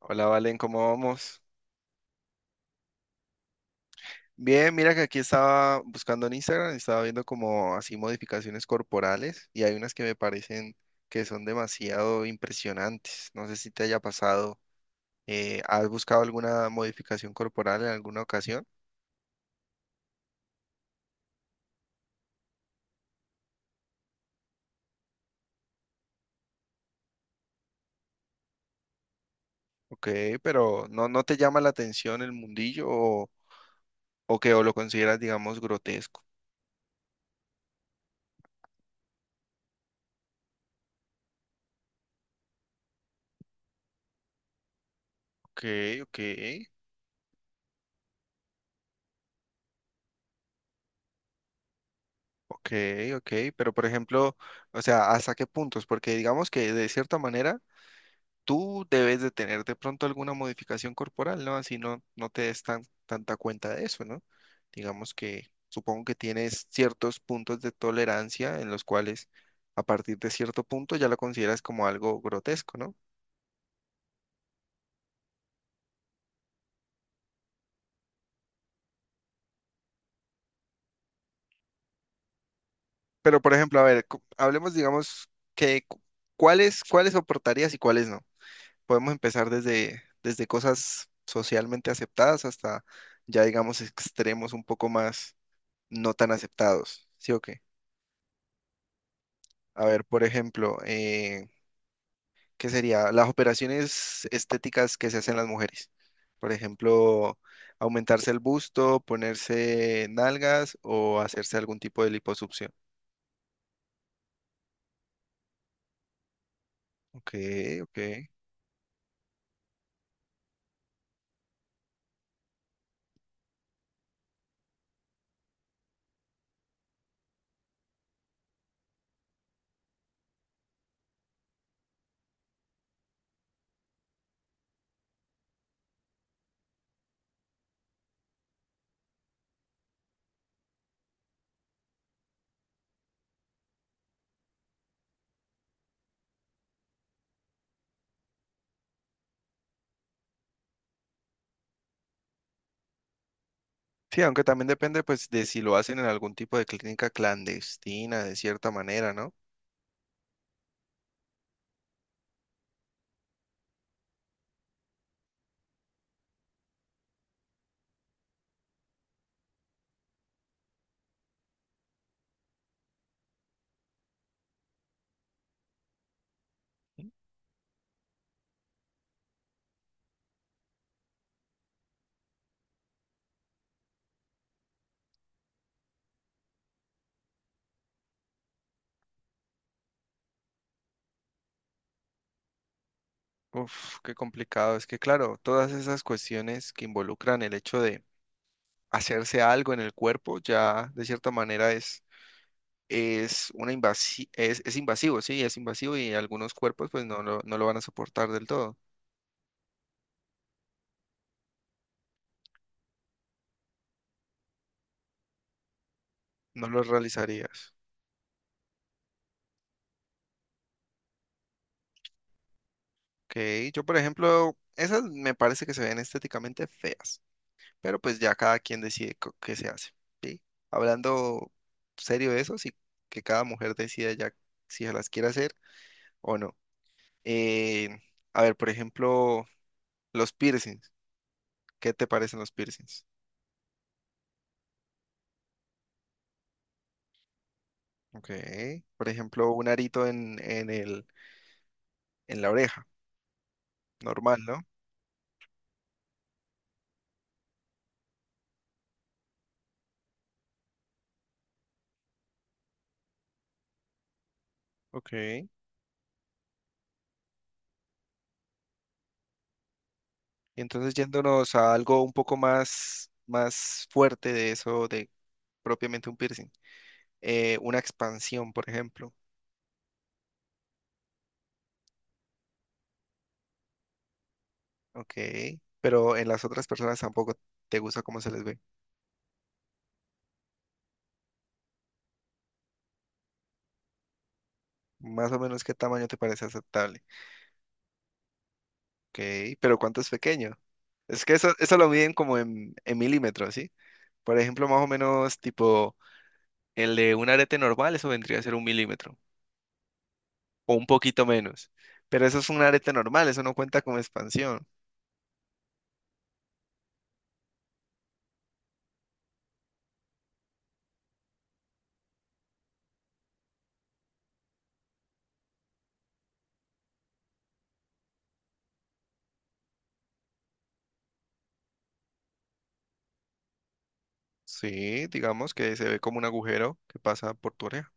Hola, Valen, ¿cómo vamos? Bien, mira que aquí estaba buscando en Instagram, estaba viendo como así modificaciones corporales y hay unas que me parecen que son demasiado impresionantes. No sé si te haya pasado, ¿has buscado alguna modificación corporal en alguna ocasión? Ok, pero ¿no te llama la atención el mundillo o que o lo consideras, digamos, grotesco? Ok, ok, ok, ok, pero por ejemplo, o sea, ¿hasta qué puntos? Porque digamos que de cierta manera tú debes de tener de pronto alguna modificación corporal, ¿no? Así no, no te des tanta cuenta de eso, ¿no? Digamos que supongo que tienes ciertos puntos de tolerancia en los cuales a partir de cierto punto ya lo consideras como algo grotesco, ¿no? Pero por ejemplo, a ver, hablemos, digamos, que cu- cuáles soportarías y cuáles no. Podemos empezar desde cosas socialmente aceptadas hasta ya, digamos, extremos un poco más no tan aceptados, ¿sí o qué? A ver, por ejemplo, ¿qué sería? Las operaciones estéticas que se hacen las mujeres. Por ejemplo, aumentarse el busto, ponerse nalgas o hacerse algún tipo de liposucción. Ok, ok. Sí, aunque también depende pues de si lo hacen en algún tipo de clínica clandestina, de cierta manera, ¿no? Uf, qué complicado. Es que claro, todas esas cuestiones que involucran el hecho de hacerse algo en el cuerpo ya de cierta manera es invasivo, sí, es invasivo y algunos cuerpos pues no lo van a soportar del todo, no lo realizarías. Ok, yo por ejemplo, esas me parece que se ven estéticamente feas, pero pues ya cada quien decide qué se hace, ¿sí? Hablando serio de eso, sí, que cada mujer decida ya si se las quiere hacer o no. Eh, a ver, por ejemplo, los piercings, ¿qué te parecen los piercings? Ok, por ejemplo, un arito en la oreja. Normal, no. Ok. Y entonces yéndonos a algo un poco más fuerte de eso, de propiamente un piercing. Una expansión, por ejemplo. Ok. Pero en las otras personas tampoco te gusta cómo se les ve. Más o menos qué tamaño te parece aceptable. Ok. Pero cuánto es pequeño. Es que eso lo miden como en milímetros, ¿sí? Por ejemplo, más o menos tipo el de un arete normal, eso vendría a ser 1 mm. O un poquito menos. Pero eso es un arete normal, eso no cuenta como expansión. Sí, digamos que se ve como un agujero que pasa por tu oreja.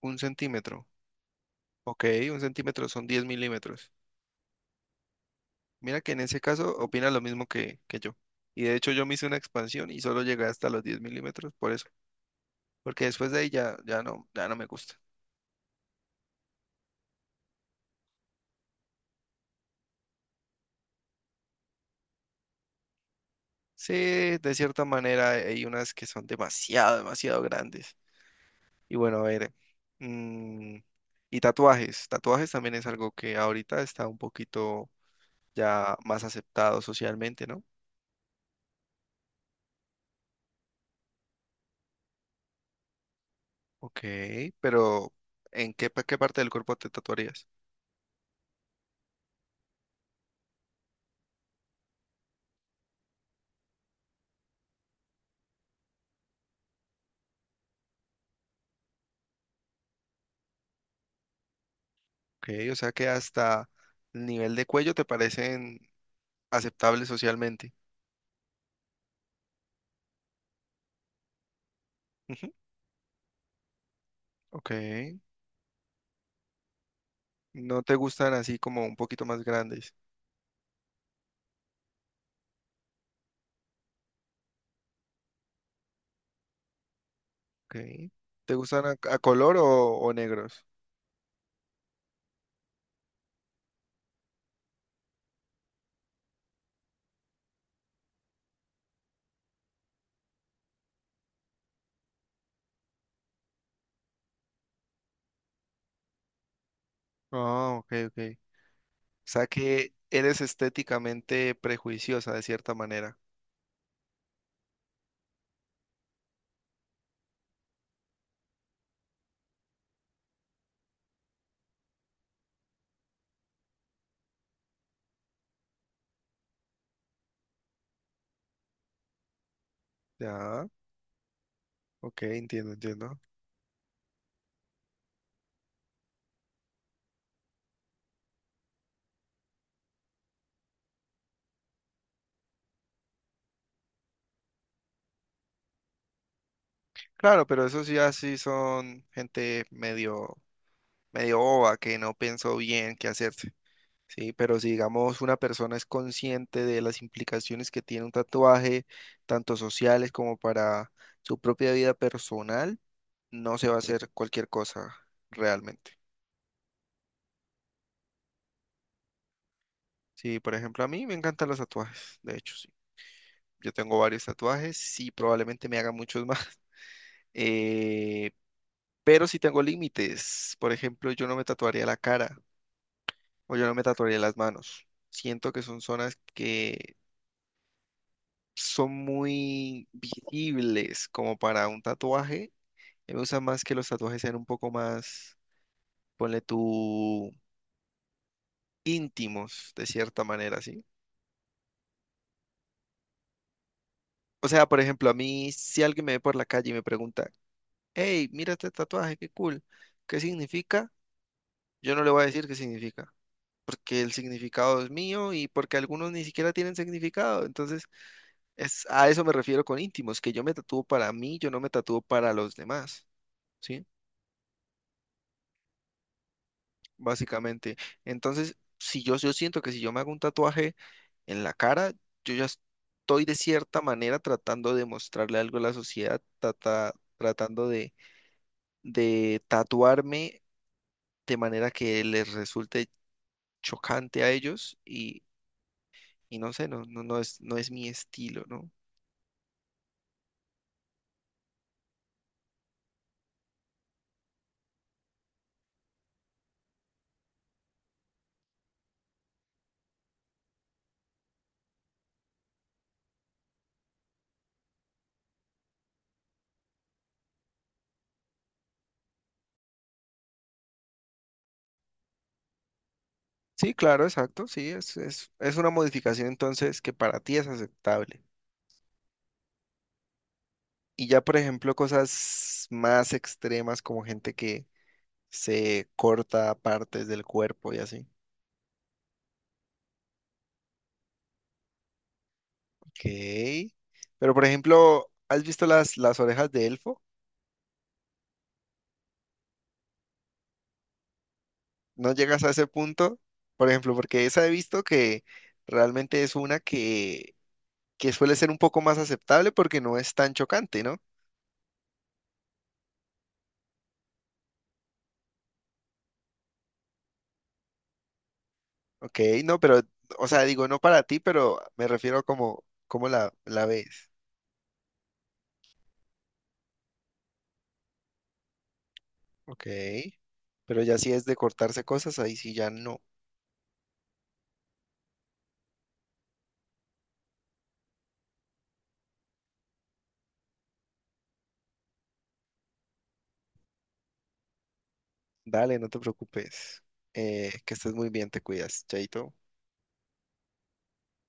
1 cm. Ok, 1 cm son 10 mm. Mira que en ese caso opina lo mismo que yo. Y de hecho yo me hice una expansión y solo llegué hasta los 10 mm por eso. Porque después de ahí ya no me gusta. Sí, de cierta manera hay unas que son demasiado, demasiado grandes. Y bueno, a ver. mm, y tatuajes. Tatuajes también es algo que ahorita está un poquito ya más aceptado socialmente, ¿no? Ok, pero ¿qué parte del cuerpo te tatuarías? Ok, o sea que hasta el nivel de cuello te parecen aceptables socialmente. Ujú, ok, no te gustan así como un poquito más grandes. Ok, ¿te gustan a color o negros? Ah, ok, ok. O sea que eres estéticamente prejuiciosa de cierta manera. Ya, ok, entiendo, entiendo. Claro, pero esos ya sí son gente medio, medio boba que no pensó bien qué hacerse. Sí, pero si digamos una persona es consciente de las implicaciones que tiene un tatuaje, tanto sociales como para su propia vida personal, no se va a hacer cualquier cosa realmente. Sí, por ejemplo, a mí me encantan los tatuajes, de hecho, sí. Yo tengo varios tatuajes, sí, probablemente me haga muchos más. eh, pero sí tengo límites. Por ejemplo, yo no me tatuaría la cara o yo no me tatuaría las manos. Siento que son zonas que son muy visibles como para un tatuaje. Me gusta más que los tatuajes sean un poco más, ponle tú, íntimos, de cierta manera, ¿sí? O sea, por ejemplo, a mí, si alguien me ve por la calle y me pregunta, hey, mira este tatuaje, qué cool, ¿qué significa? Yo no le voy a decir qué significa, porque el significado es mío y porque algunos ni siquiera tienen significado. Entonces, a eso me refiero con íntimos, que yo me tatúo para mí, yo no me tatúo para los demás, ¿sí? Básicamente. Entonces, si yo siento que si yo me hago un tatuaje en la cara, yo ya estoy de cierta manera tratando de mostrarle algo a la sociedad, tratando de tatuarme de manera que les resulte chocante a ellos y no sé, no es mi estilo, ¿no? Sí, claro, exacto, sí, es una modificación entonces que para ti es aceptable. Y ya, por ejemplo, cosas más extremas como gente que se corta partes del cuerpo y así. Ok. Pero por ejemplo, ¿has visto las orejas de elfo? ¿No llegas a ese punto? Por ejemplo, porque esa he visto que realmente es una que suele ser un poco más aceptable porque no es tan chocante, ¿no? Ok, no, pero, o sea, digo, no para ti, pero me refiero a cómo la ves. Ok. Pero ya si es de cortarse cosas, ahí sí ya no. Dale, no te preocupes. Que estés muy bien, te cuidas, Chaito.